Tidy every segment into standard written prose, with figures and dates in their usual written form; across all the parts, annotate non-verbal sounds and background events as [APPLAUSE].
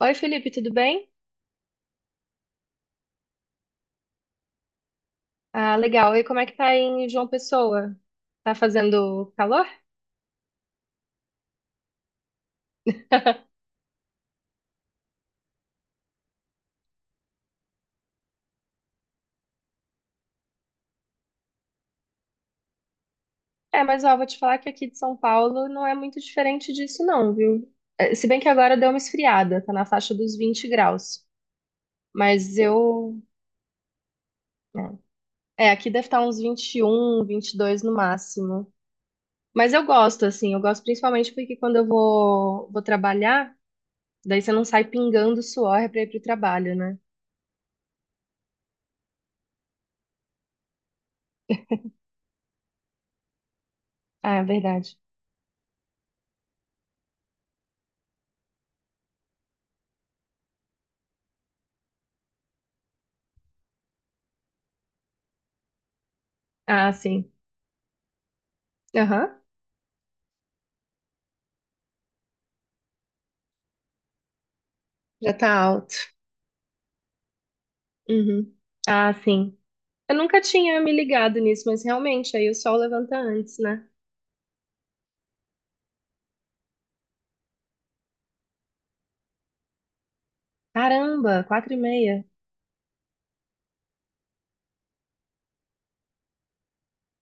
Oi, Felipe, tudo bem? Ah, legal. E como é que tá aí em João Pessoa? Tá fazendo calor? [LAUGHS] É, mas ó, vou te falar que aqui de São Paulo não é muito diferente disso, não, viu? Se bem que agora deu uma esfriada, tá na faixa dos 20 graus. Mas eu. Né. É, aqui deve estar uns 21, dois no máximo. Mas eu gosto, assim, eu gosto principalmente porque quando eu vou trabalhar, daí você não sai pingando suor pra ir pro trabalho, né? Ah, é verdade. Ah, sim. Aham, já tá alto. Uhum. Ah, sim. Eu nunca tinha me ligado nisso, mas realmente, aí o sol levanta antes, né? Caramba, quatro e meia.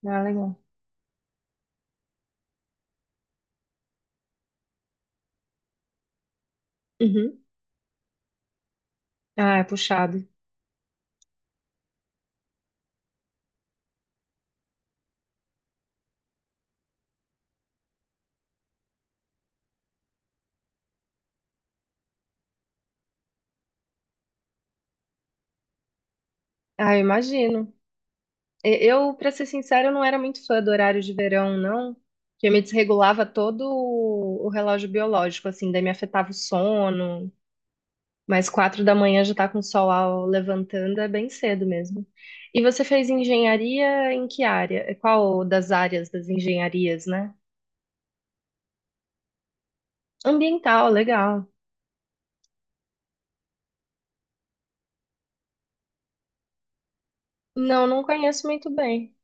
Ah, legal. Uhum. Ah, é puxado. Ah, eu imagino. Eu, pra ser sincero, eu não era muito fã do horário de verão, não. Que eu me desregulava todo o relógio biológico, assim, daí me afetava o sono. Mas quatro da manhã já tá com o sol levantando, é bem cedo mesmo. E você fez engenharia em que área? Qual das áreas das engenharias, né? Ambiental, legal. Não, não conheço muito bem.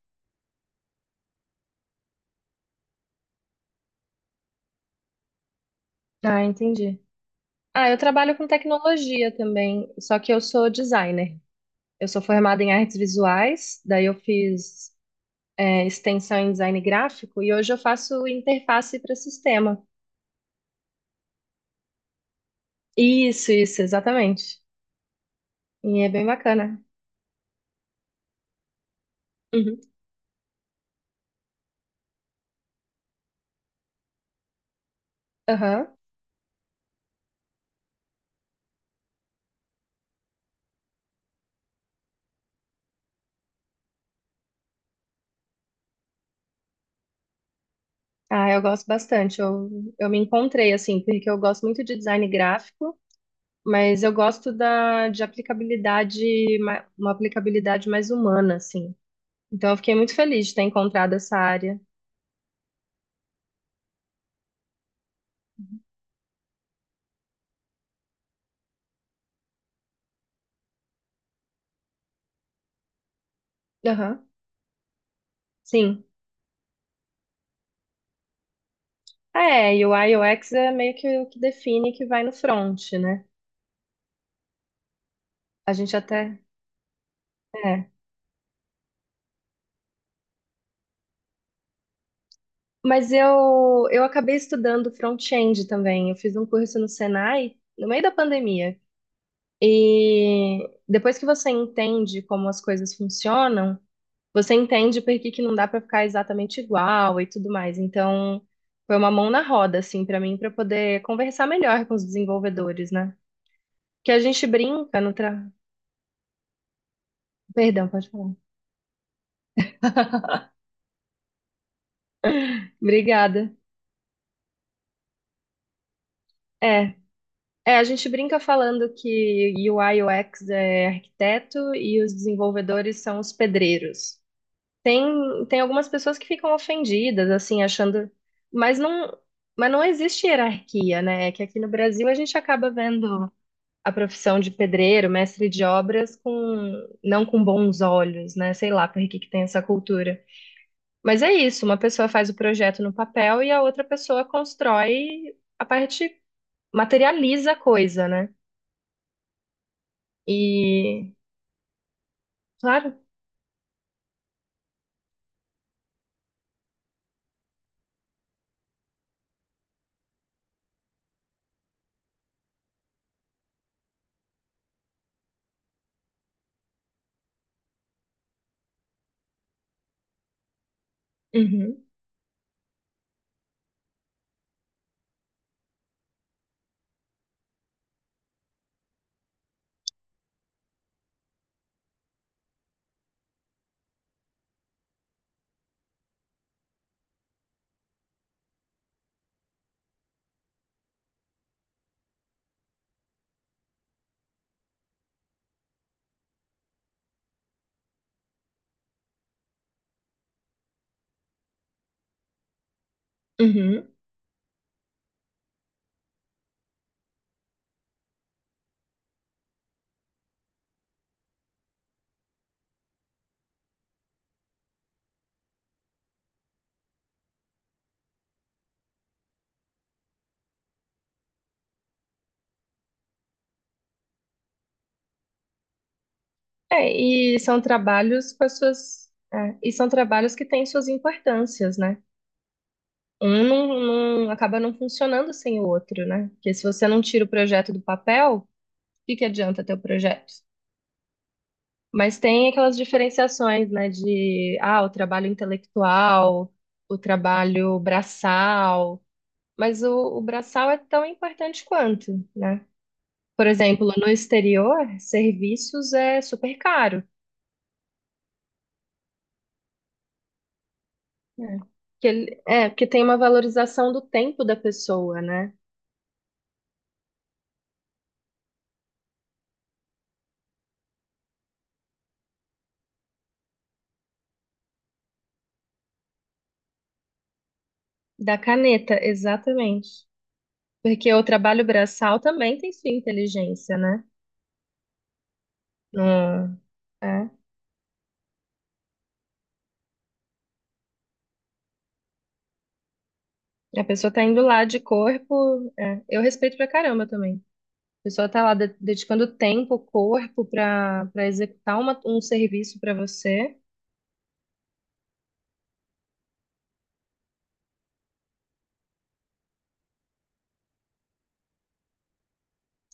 Ah, entendi. Ah, eu trabalho com tecnologia também, só que eu sou designer. Eu sou formada em artes visuais, daí eu fiz extensão em design gráfico e hoje eu faço interface para sistema. Isso, exatamente. E é bem bacana. Uhum. Aham. Ah, eu gosto bastante. Eu me encontrei, assim, porque eu gosto muito de design gráfico. Mas eu gosto de aplicabilidade, uma aplicabilidade mais humana, assim. Então eu fiquei muito feliz de ter encontrado essa área. Aham, sim. É, e o U I U X é meio que o que define que vai no front, né? A gente até. É. Mas eu acabei estudando front-end também. Eu fiz um curso no Senai, no meio da pandemia. E depois que você entende como as coisas funcionam, você entende por que que não dá para ficar exatamente igual e tudo mais. Então, foi uma mão na roda, assim, para mim, para poder conversar melhor com os desenvolvedores, né? Que a gente brinca no Perdão, pode falar. [LAUGHS] Obrigada. É, a gente brinca falando que UI X é arquiteto e os desenvolvedores são os pedreiros. Tem algumas pessoas que ficam ofendidas, assim, achando. Mas não, mas não existe hierarquia, né? É que aqui no Brasil a gente acaba vendo a profissão de pedreiro, mestre de obras, com não com bons olhos, né? Sei lá por que que tem essa cultura. Mas é isso, uma pessoa faz o projeto no papel e a outra pessoa constrói a parte, materializa a coisa, né? E, claro, uhum, uhum. É, e são trabalhos com as suas, é, e são trabalhos que têm suas importâncias, né? Um não, não acaba não funcionando sem o outro, né? Porque se você não tira o projeto do papel, o que que adianta ter o projeto? Mas tem aquelas diferenciações, né, de ah, o trabalho intelectual, o trabalho braçal, mas o braçal é tão importante quanto, né? Por exemplo, no exterior, serviços é super caro, né? Que ele, é, porque tem uma valorização do tempo da pessoa, né? Da caneta, exatamente. Porque o trabalho braçal também tem sua inteligência, né? Não- é. A pessoa tá indo lá de corpo. É. Eu respeito pra caramba também. A pessoa está lá dedicando tempo, corpo para executar um serviço para você.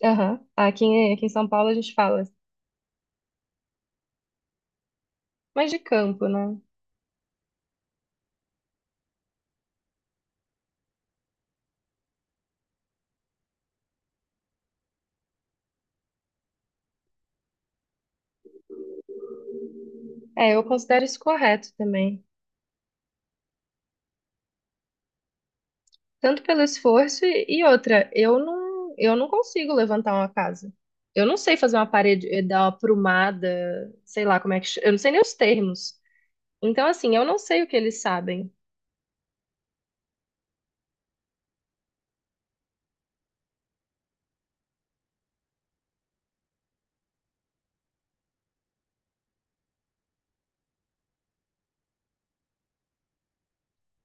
Aham. Aqui em São Paulo a gente fala mais de campo, né? É, eu considero isso correto também. Tanto pelo esforço e outra, eu não consigo levantar uma casa. Eu não sei fazer uma parede, eh, dar uma aprumada, sei lá como é que. Eu não sei nem os termos. Então, assim, eu não sei o que eles sabem.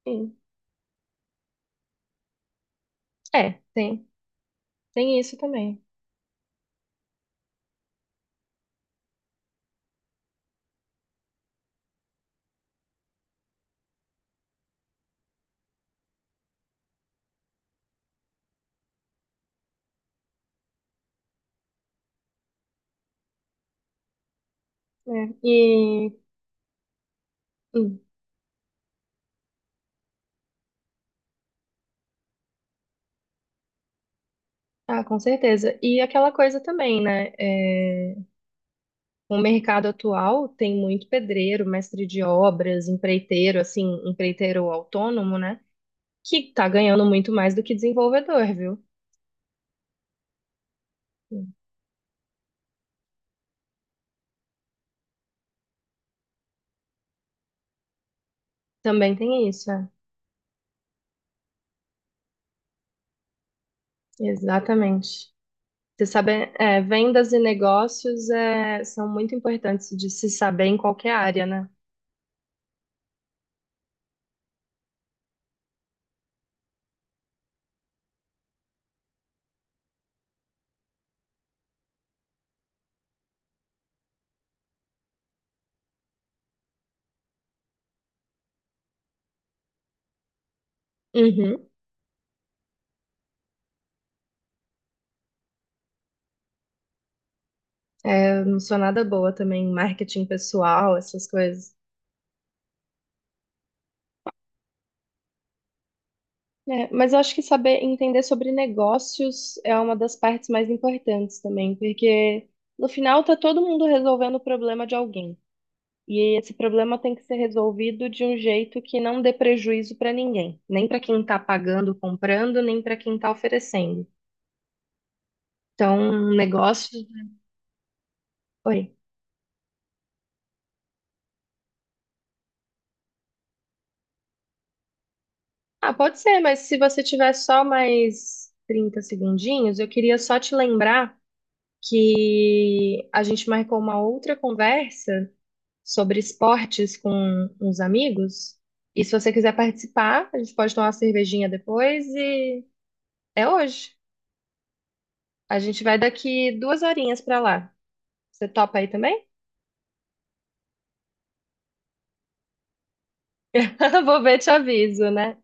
Sim. É, tem, tem isso também. Né. E. Ah, com certeza. E aquela coisa também, né? É, o mercado atual tem muito pedreiro, mestre de obras, empreiteiro, assim, empreiteiro autônomo, né? Que tá ganhando muito mais do que desenvolvedor, viu? Também tem isso, é. Exatamente. Você sabe, é, vendas e negócios são muito importantes de se saber em qualquer área, né? Uhum. É, eu não sou nada boa também em marketing pessoal, essas coisas. É, mas eu acho que saber entender sobre negócios é uma das partes mais importantes também, porque no final tá todo mundo resolvendo o problema de alguém. E esse problema tem que ser resolvido de um jeito que não dê prejuízo para ninguém, nem para quem tá pagando, comprando, nem para quem tá oferecendo. Então, negócios. Oi. Ah, pode ser, mas se você tiver só mais 30 segundinhos, eu queria só te lembrar que a gente marcou uma outra conversa sobre esportes com uns amigos. E se você quiser participar, a gente pode tomar uma cervejinha depois e é hoje. A gente vai daqui duas horinhas pra lá. Você topa aí também? [LAUGHS] Vou ver, te aviso, né?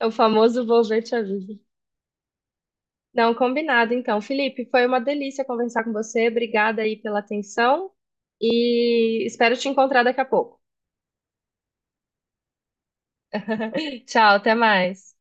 É o famoso vou ver, te aviso. Não, combinado então. Felipe, foi uma delícia conversar com você. Obrigada aí pela atenção e espero te encontrar daqui a pouco. Tchau, até mais.